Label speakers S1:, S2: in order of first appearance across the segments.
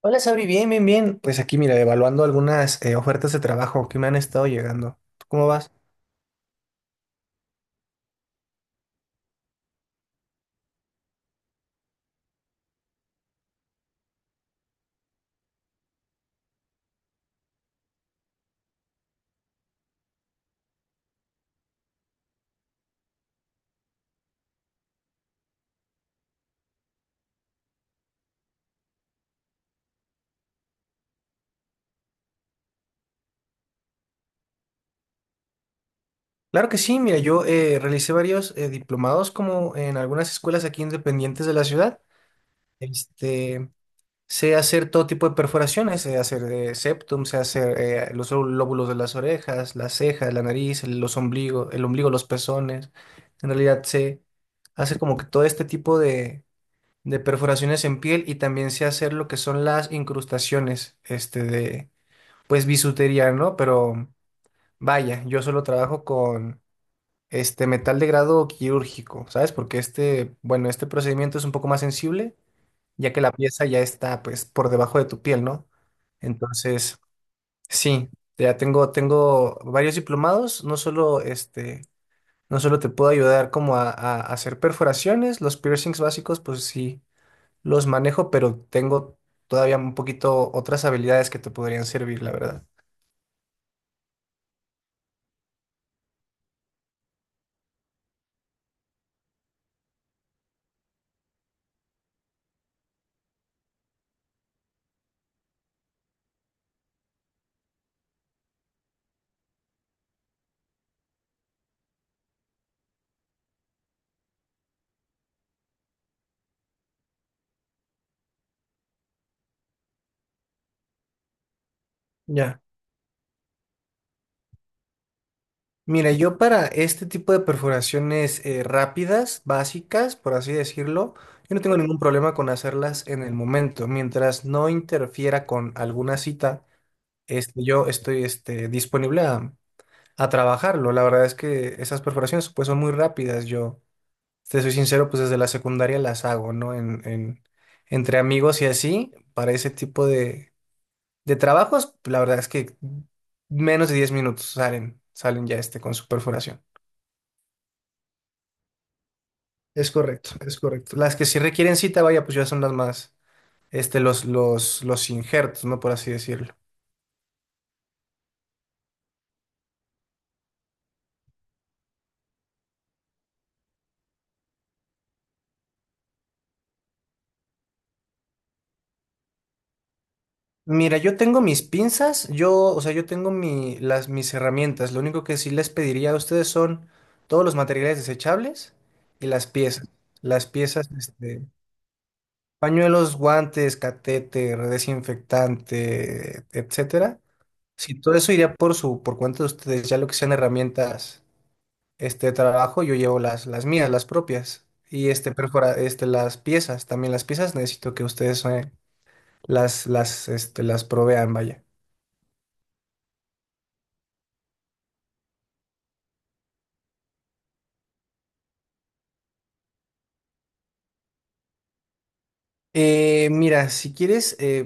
S1: Hola, Sabri, bien, bien, bien. Pues aquí, mira, evaluando algunas ofertas de trabajo que me han estado llegando. ¿Tú ¿Cómo vas? Claro que sí, mira, yo realicé varios diplomados como en algunas escuelas aquí independientes de la ciudad. Este, sé hacer todo tipo de perforaciones, sé hacer septum, sé hacer los lóbulos de las orejas, las cejas, la nariz, los ombligos, el ombligo, los pezones. En realidad sé hacer como que todo este tipo de perforaciones en piel y también sé hacer lo que son las incrustaciones, este de, pues bisutería, ¿no? Pero vaya, yo solo trabajo con este metal de grado quirúrgico, ¿sabes? Porque este, bueno, este procedimiento es un poco más sensible, ya que la pieza ya está, pues, por debajo de tu piel, ¿no? Entonces, sí, ya tengo varios diplomados, no solo este, no solo te puedo ayudar como a hacer perforaciones, los piercings básicos, pues sí los manejo, pero tengo todavía un poquito otras habilidades que te podrían servir, la verdad. Ya. Mira, yo para este tipo de perforaciones rápidas, básicas, por así decirlo, yo no tengo ningún problema con hacerlas en el momento. Mientras no interfiera con alguna cita, este, yo estoy este, disponible a trabajarlo. La verdad es que esas perforaciones pues, son muy rápidas. Yo, te soy sincero, pues desde la secundaria las hago, ¿no? Entre amigos y así, para ese tipo de trabajos, la verdad es que menos de 10 minutos salen, salen ya este con su perforación. Es correcto, es correcto. Las que sí requieren cita, vaya, pues ya son las más, este, los injertos, ¿no? Por así decirlo. Mira, yo tengo mis pinzas, yo, o sea, yo tengo mi, las, mis herramientas. Lo único que sí les pediría a ustedes son todos los materiales desechables y las piezas. Las piezas, este, pañuelos, guantes, catéter, desinfectante, etcétera. Si todo eso iría por su, por cuenta de ustedes, ya lo que sean herramientas este, de trabajo, yo llevo las mías, las propias. Y este, perfora, este, las piezas, también las piezas necesito que ustedes las provean, vaya. Mira, si quieres,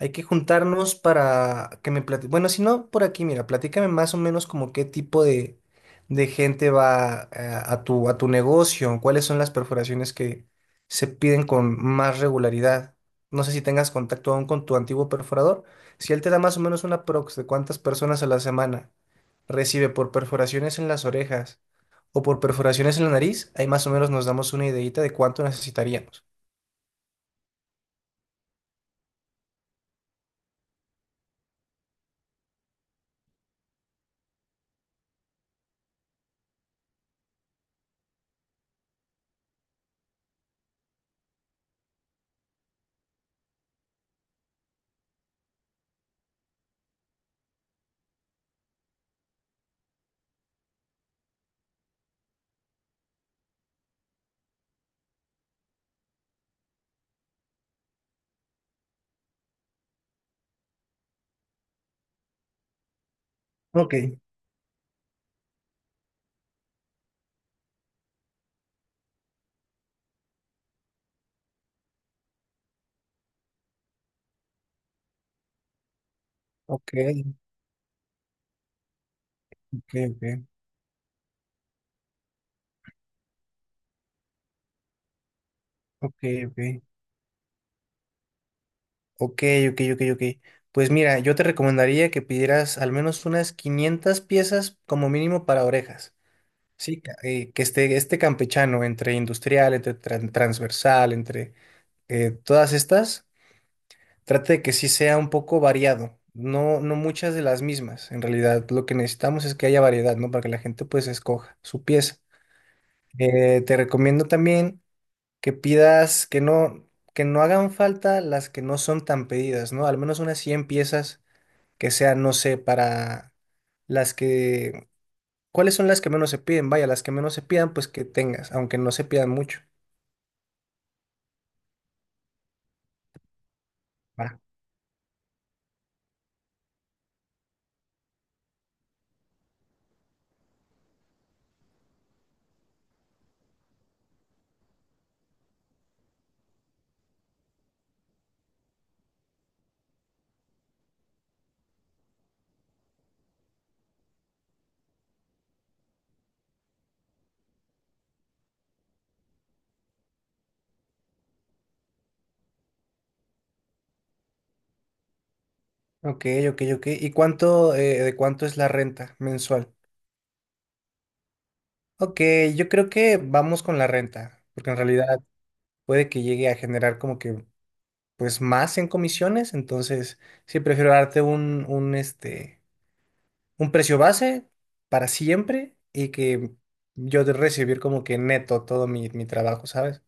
S1: hay que juntarnos para que me platique. Bueno, si no, por aquí, mira, platícame más o menos como qué tipo de gente va a tu negocio, cuáles son las perforaciones que se piden con más regularidad. No sé si tengas contacto aún con tu antiguo perforador. Si él te da más o menos una prox de cuántas personas a la semana recibe por perforaciones en las orejas o por perforaciones en la nariz, ahí más o menos nos damos una ideita de cuánto necesitaríamos. Ok, ok, ok, ok, ok, ok. Ok, ok, ok, ok. Pues mira, yo te recomendaría que pidieras al menos unas 500 piezas como mínimo para orejas. Sí, ca- que esté este campechano entre industrial, entre tran- transversal, entre todas estas, trate de que sí sea un poco variado. No, no muchas de las mismas. En realidad, lo que necesitamos es que haya variedad, ¿no? Para que la gente pues escoja su pieza. Te recomiendo también que pidas que no hagan falta las que no son tan pedidas, ¿no? Al menos unas 100 piezas que sea, no sé, para las que, ¿cuáles son las que menos se piden? Vaya, las que menos se pidan, pues que tengas, aunque no se pidan mucho. Va. Ok, ok, ok. ¿Y cuánto, de cuánto es la renta mensual? Ok, yo creo que vamos con la renta, porque en realidad puede que llegue a generar como que, pues, más en comisiones, entonces sí prefiero darte un precio base para siempre y que yo de recibir como que neto todo mi, mi trabajo, ¿sabes?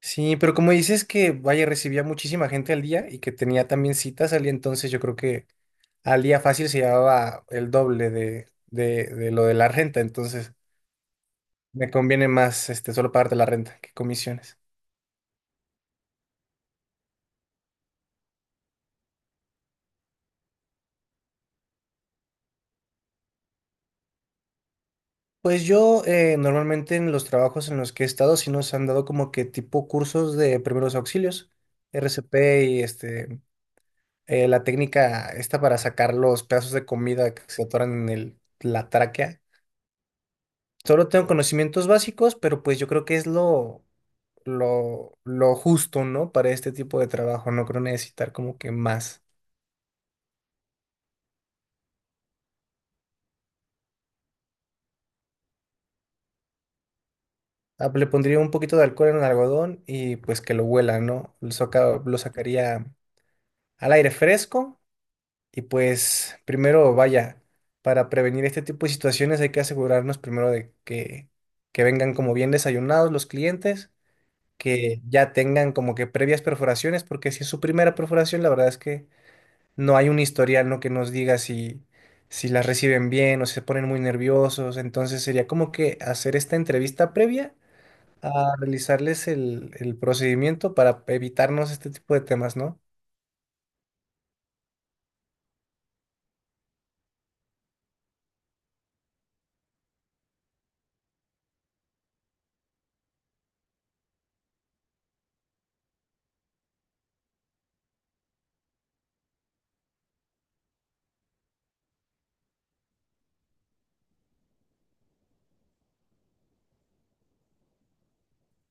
S1: Sí, pero como dices que, vaya, recibía muchísima gente al día y que tenía también citas al día, entonces yo creo que al día fácil se llevaba el doble de lo de la renta, entonces me conviene más este, solo pagarte la renta que comisiones. Pues yo normalmente en los trabajos en los que he estado sí nos han dado como que tipo cursos de primeros auxilios, RCP y este, la técnica esta para sacar los pedazos de comida que se atoran en el, la tráquea. Solo tengo conocimientos básicos, pero pues yo creo que es lo justo, ¿no? Para este tipo de trabajo. No creo necesitar como que más. Ah, pues, le pondría un poquito de alcohol en el algodón y pues que lo huela, ¿no? Lo saca- lo sacaría al aire fresco y pues primero, vaya, para prevenir este tipo de situaciones hay que asegurarnos primero de que vengan como bien desayunados los clientes, que ya tengan como que previas perforaciones, porque si es su primera perforación, la verdad es que no hay un historial, ¿no? que nos diga si, si las reciben bien o si se ponen muy nerviosos. Entonces sería como que hacer esta entrevista previa a realizarles el procedimiento para evitarnos este tipo de temas, ¿no?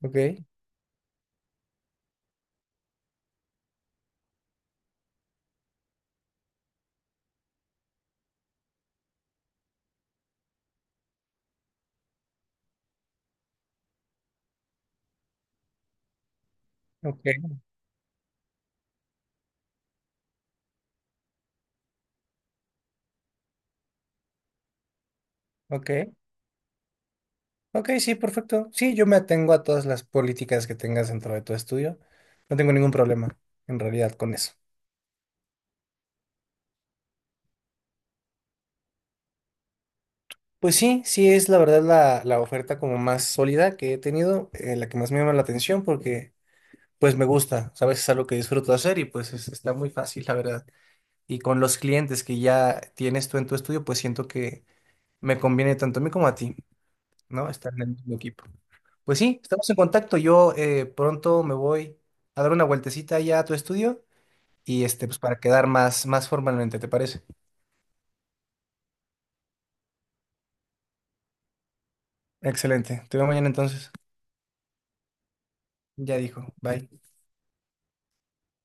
S1: Ok, ok, ok. Ok, sí, perfecto. Sí, yo me atengo a todas las políticas que tengas dentro de tu estudio. No tengo ningún problema en realidad con eso. Pues sí, sí es la verdad la oferta como más sólida que he tenido, la que más me llama la atención porque... pues me gusta, ¿sabes? Es algo que disfruto hacer y pues es- está muy fácil, la verdad. Y con los clientes que ya tienes tú en tu estudio, pues siento que me conviene tanto a mí como a ti, ¿no? Estar en el mismo equipo. Pues sí, estamos en contacto. Yo pronto me voy a dar una vueltecita ya a tu estudio y este, pues para quedar más, más formalmente, ¿te parece? Excelente. Te veo mañana entonces. Ya dijo. Bye.